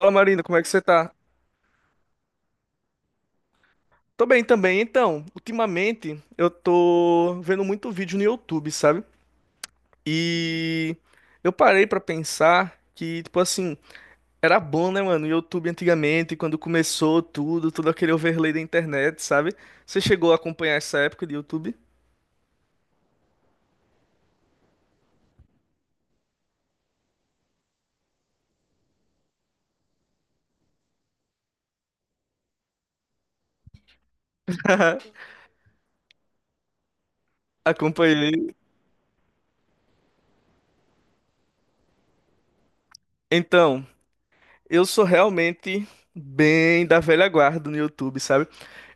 Fala Marina, como é que você tá? Tô bem também. Então, ultimamente eu tô vendo muito vídeo no YouTube, sabe? E eu parei pra pensar que, tipo assim, era bom, né, mano? O YouTube antigamente, quando começou tudo, todo aquele overlay da internet, sabe? Você chegou a acompanhar essa época de YouTube? Acompanhei. Então. Eu sou realmente bem da velha guarda no YouTube, sabe?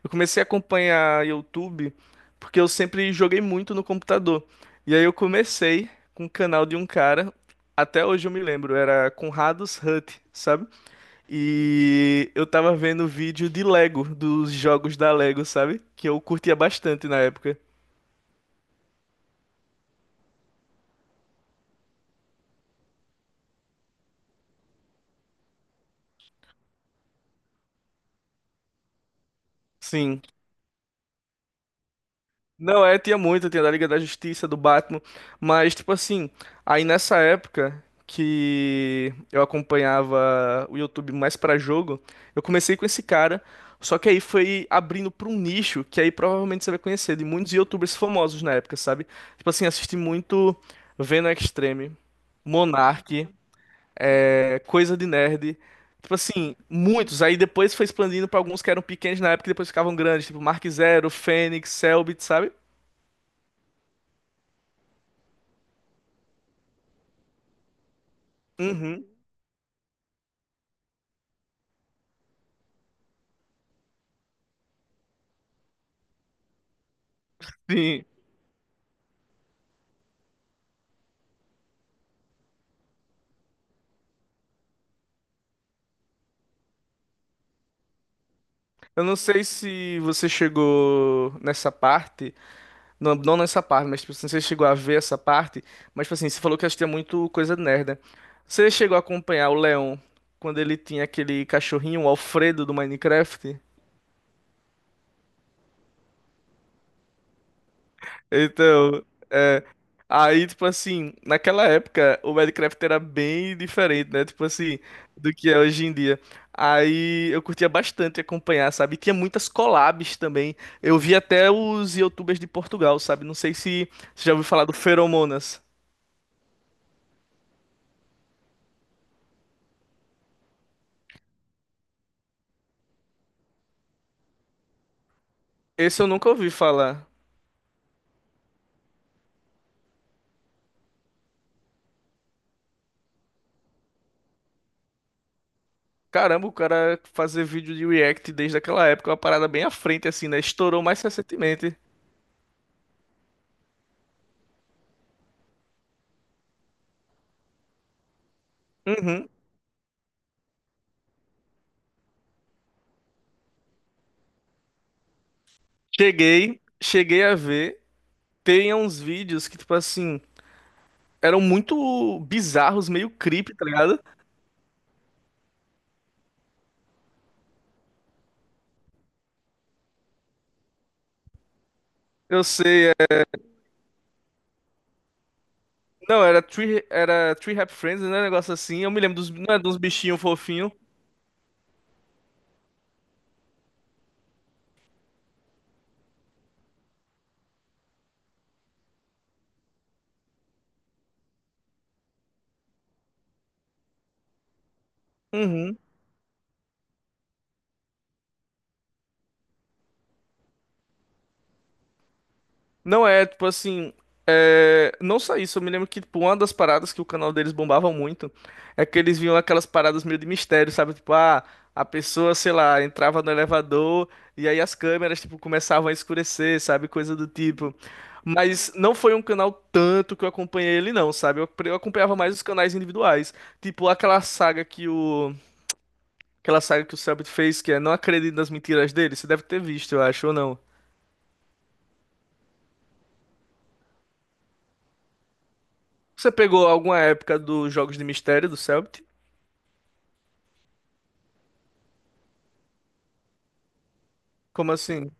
Eu comecei a acompanhar YouTube porque eu sempre joguei muito no computador. E aí eu comecei com o canal de um cara, até hoje eu me lembro, era Conrados Hut, sabe? E eu tava vendo vídeo de Lego, dos jogos da Lego, sabe? Que eu curtia bastante na época. Sim. Não, é, tinha muito, tinha da Liga da Justiça, do Batman, mas tipo assim, aí nessa época que eu acompanhava o YouTube mais pra jogo, eu comecei com esse cara, só que aí foi abrindo pra um nicho que aí provavelmente você vai conhecer de muitos YouTubers famosos na época, sabe? Tipo assim, assisti muito Venom Extreme, Monark, é, Coisa de Nerd, tipo assim, muitos. Aí depois foi expandindo pra alguns que eram pequenos na época e depois ficavam grandes, tipo Mark Zero, Fênix, Selbit, sabe? Uhum, sim. Eu não sei se você chegou nessa parte, não, não nessa parte, mas tipo, se você chegou a ver essa parte, mas tipo assim, você falou que assistia muito coisa nerd, né? Você chegou a acompanhar o Leon quando ele tinha aquele cachorrinho, o Alfredo do Minecraft? Então, é. Aí, tipo assim, naquela época o Minecraft era bem diferente, né? Tipo assim, do que é hoje em dia. Aí eu curtia bastante acompanhar, sabe? Tinha muitas collabs também. Eu vi até os YouTubers de Portugal, sabe? Não sei se você já ouviu falar do Feromonas. Esse eu nunca ouvi falar. Caramba, o cara fazer vídeo de React desde aquela época, é uma parada bem à frente, assim, né? Estourou mais recentemente. Uhum. Cheguei, cheguei a ver. Tem uns vídeos que, tipo assim, eram muito bizarros, meio creepy, tá ligado? Eu sei. Não, era Tree Happy Friends, né? Um negócio assim. Eu me lembro dos, não é, dos bichinhos fofinhos. Uhum. Não é, tipo assim. É, não só isso, eu me lembro que, tipo, uma das paradas que o canal deles bombava muito é que eles vinham aquelas paradas meio de mistério, sabe? Tipo, ah, a pessoa, sei lá, entrava no elevador e aí as câmeras, tipo, começavam a escurecer, sabe? Coisa do tipo. Mas não foi um canal tanto que eu acompanhei ele, não, sabe? Eu acompanhava mais os canais individuais. Tipo, aquela saga que o. Aquela saga que o Selbit fez, que é Não Acredito nas Mentiras dele, você deve ter visto, eu acho, ou não? Você pegou alguma época dos Jogos de Mistério do Cellbit? Como assim?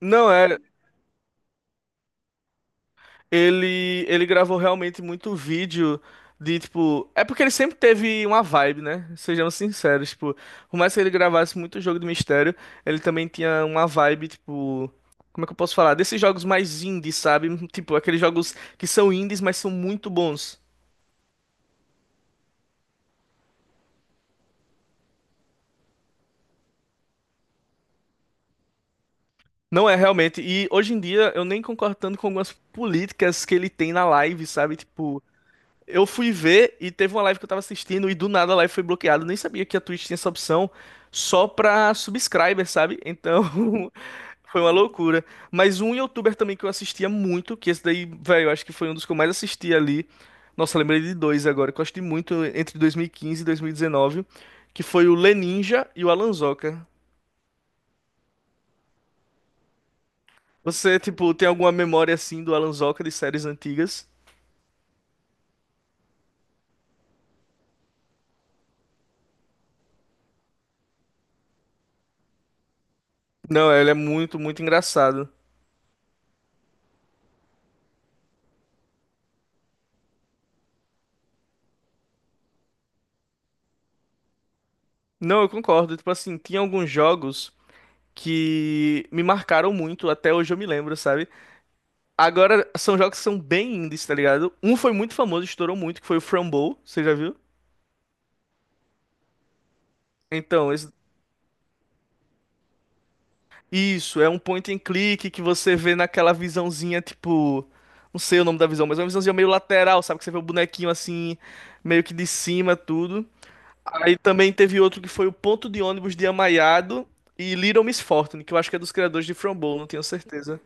Não, é. Ele gravou realmente muito vídeo de, tipo. É porque ele sempre teve uma vibe, né? Sejamos sinceros, tipo. Por mais que ele gravasse muito jogo de mistério, ele também tinha uma vibe, tipo. Como é que eu posso falar? Desses jogos mais indies, sabe? Tipo, aqueles jogos que são indies, mas são muito bons. Não é realmente. E hoje em dia eu nem concordo tanto com algumas políticas que ele tem na live, sabe? Tipo. Eu fui ver e teve uma live que eu tava assistindo e do nada a live foi bloqueada. Eu nem sabia que a Twitch tinha essa opção só pra subscriber, sabe? Então foi uma loucura. Mas um youtuber também que eu assistia muito, que esse daí, velho, eu acho que foi um dos que eu mais assisti ali. Nossa, eu lembrei de dois agora, que eu assisti muito entre 2015 e 2019, que foi o Leninja e o Alanzoca. Você, tipo, tem alguma memória assim do Alanzoca de séries antigas? Não, ele é muito, muito engraçado. Não, eu concordo. Tipo assim, tinha alguns jogos que me marcaram muito, até hoje eu me lembro, sabe? Agora, são jogos que são bem indies, tá ligado? Um foi muito famoso, estourou muito, que foi o Frumble, você já viu? Então, esse isso, é um point and click que você vê naquela visãozinha, tipo. Não sei o nome da visão, mas é uma visãozinha meio lateral, sabe? Que você vê o bonequinho assim, meio que de cima, tudo. Aí também teve outro que foi o Ponto de Ônibus de Amaiado e Little Miss Fortune, que eu acho que é dos criadores de Frumble, não tenho certeza.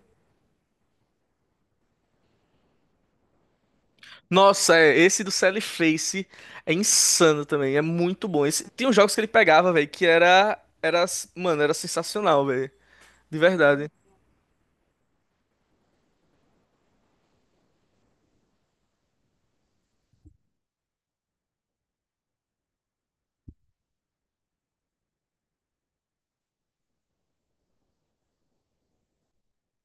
Nossa, é, esse do Sally Face é insano também, é muito bom. Esse, tem uns jogos que ele pegava, velho, que era, era, mano, era sensacional, velho, de verdade.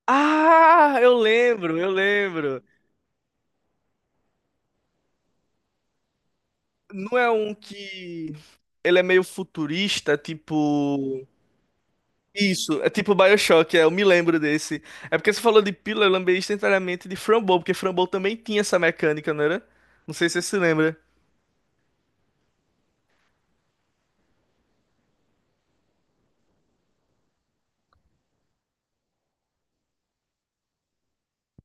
Ah, eu lembro, eu lembro. Não é um que ele é meio futurista, tipo isso, é tipo BioShock, é, eu me lembro desse. É porque você falou de pílula, eu lembrei instantaneamente de Framboesa, porque Framboesa também tinha essa mecânica, não era? Não sei se você se lembra.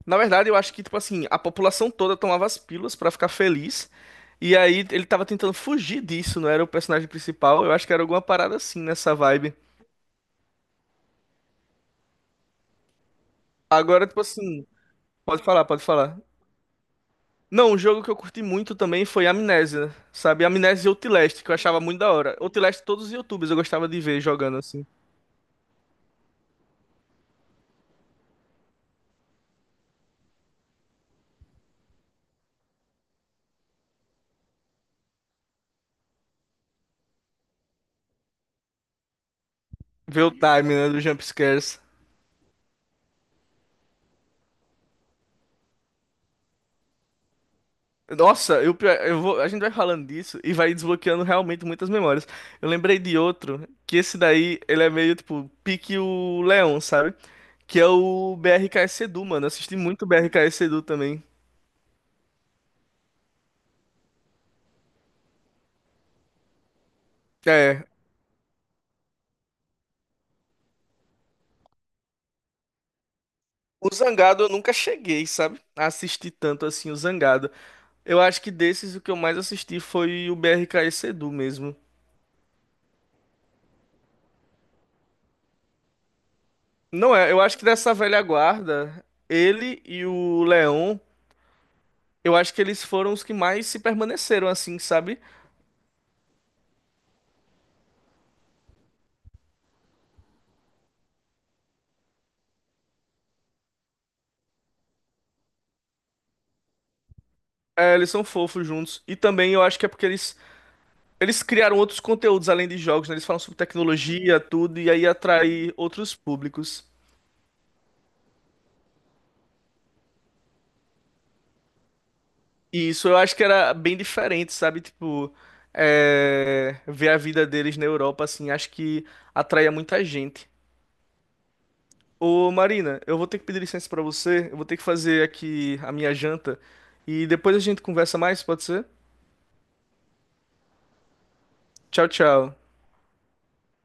Na verdade, eu acho que, tipo assim, a população toda tomava as pílulas pra ficar feliz. E aí ele tava tentando fugir disso, não era o personagem principal. Eu acho que era alguma parada assim nessa vibe. Agora, tipo assim, pode falar, pode falar. Não, um jogo que eu curti muito também foi Amnésia, sabe? Amnésia e Outlast, que eu achava muito da hora. Outlast, todos os YouTubers eu gostava de ver jogando assim. Ver o time, né, dos jumpscares. Nossa, eu, pior eu vou, a gente vai falando disso e vai desbloqueando realmente muitas memórias. Eu lembrei de outro, que esse daí, ele é meio tipo pique o Leão, sabe? Que é o BRKS Edu, mano. Eu assisti muito BRKS Edu também. É, o Zangado eu nunca cheguei, sabe? A assistir tanto assim o Zangado. Eu acho que desses o que eu mais assisti foi o BRKS Edu mesmo. Não é, eu acho que dessa velha guarda, ele e o Leon, eu acho que eles foram os que mais se permaneceram assim, sabe? É, eles são fofos juntos. E também eu acho que é porque eles criaram outros conteúdos além de jogos, né? Eles falam sobre tecnologia, tudo, e aí atrai outros públicos. E isso eu acho que era bem diferente, sabe? Tipo, é, ver a vida deles na Europa, assim, acho que atraía muita gente. Ô, Marina, eu vou ter que pedir licença pra você, eu vou ter que fazer aqui a minha janta, e depois a gente conversa mais, pode ser? Tchau, tchau.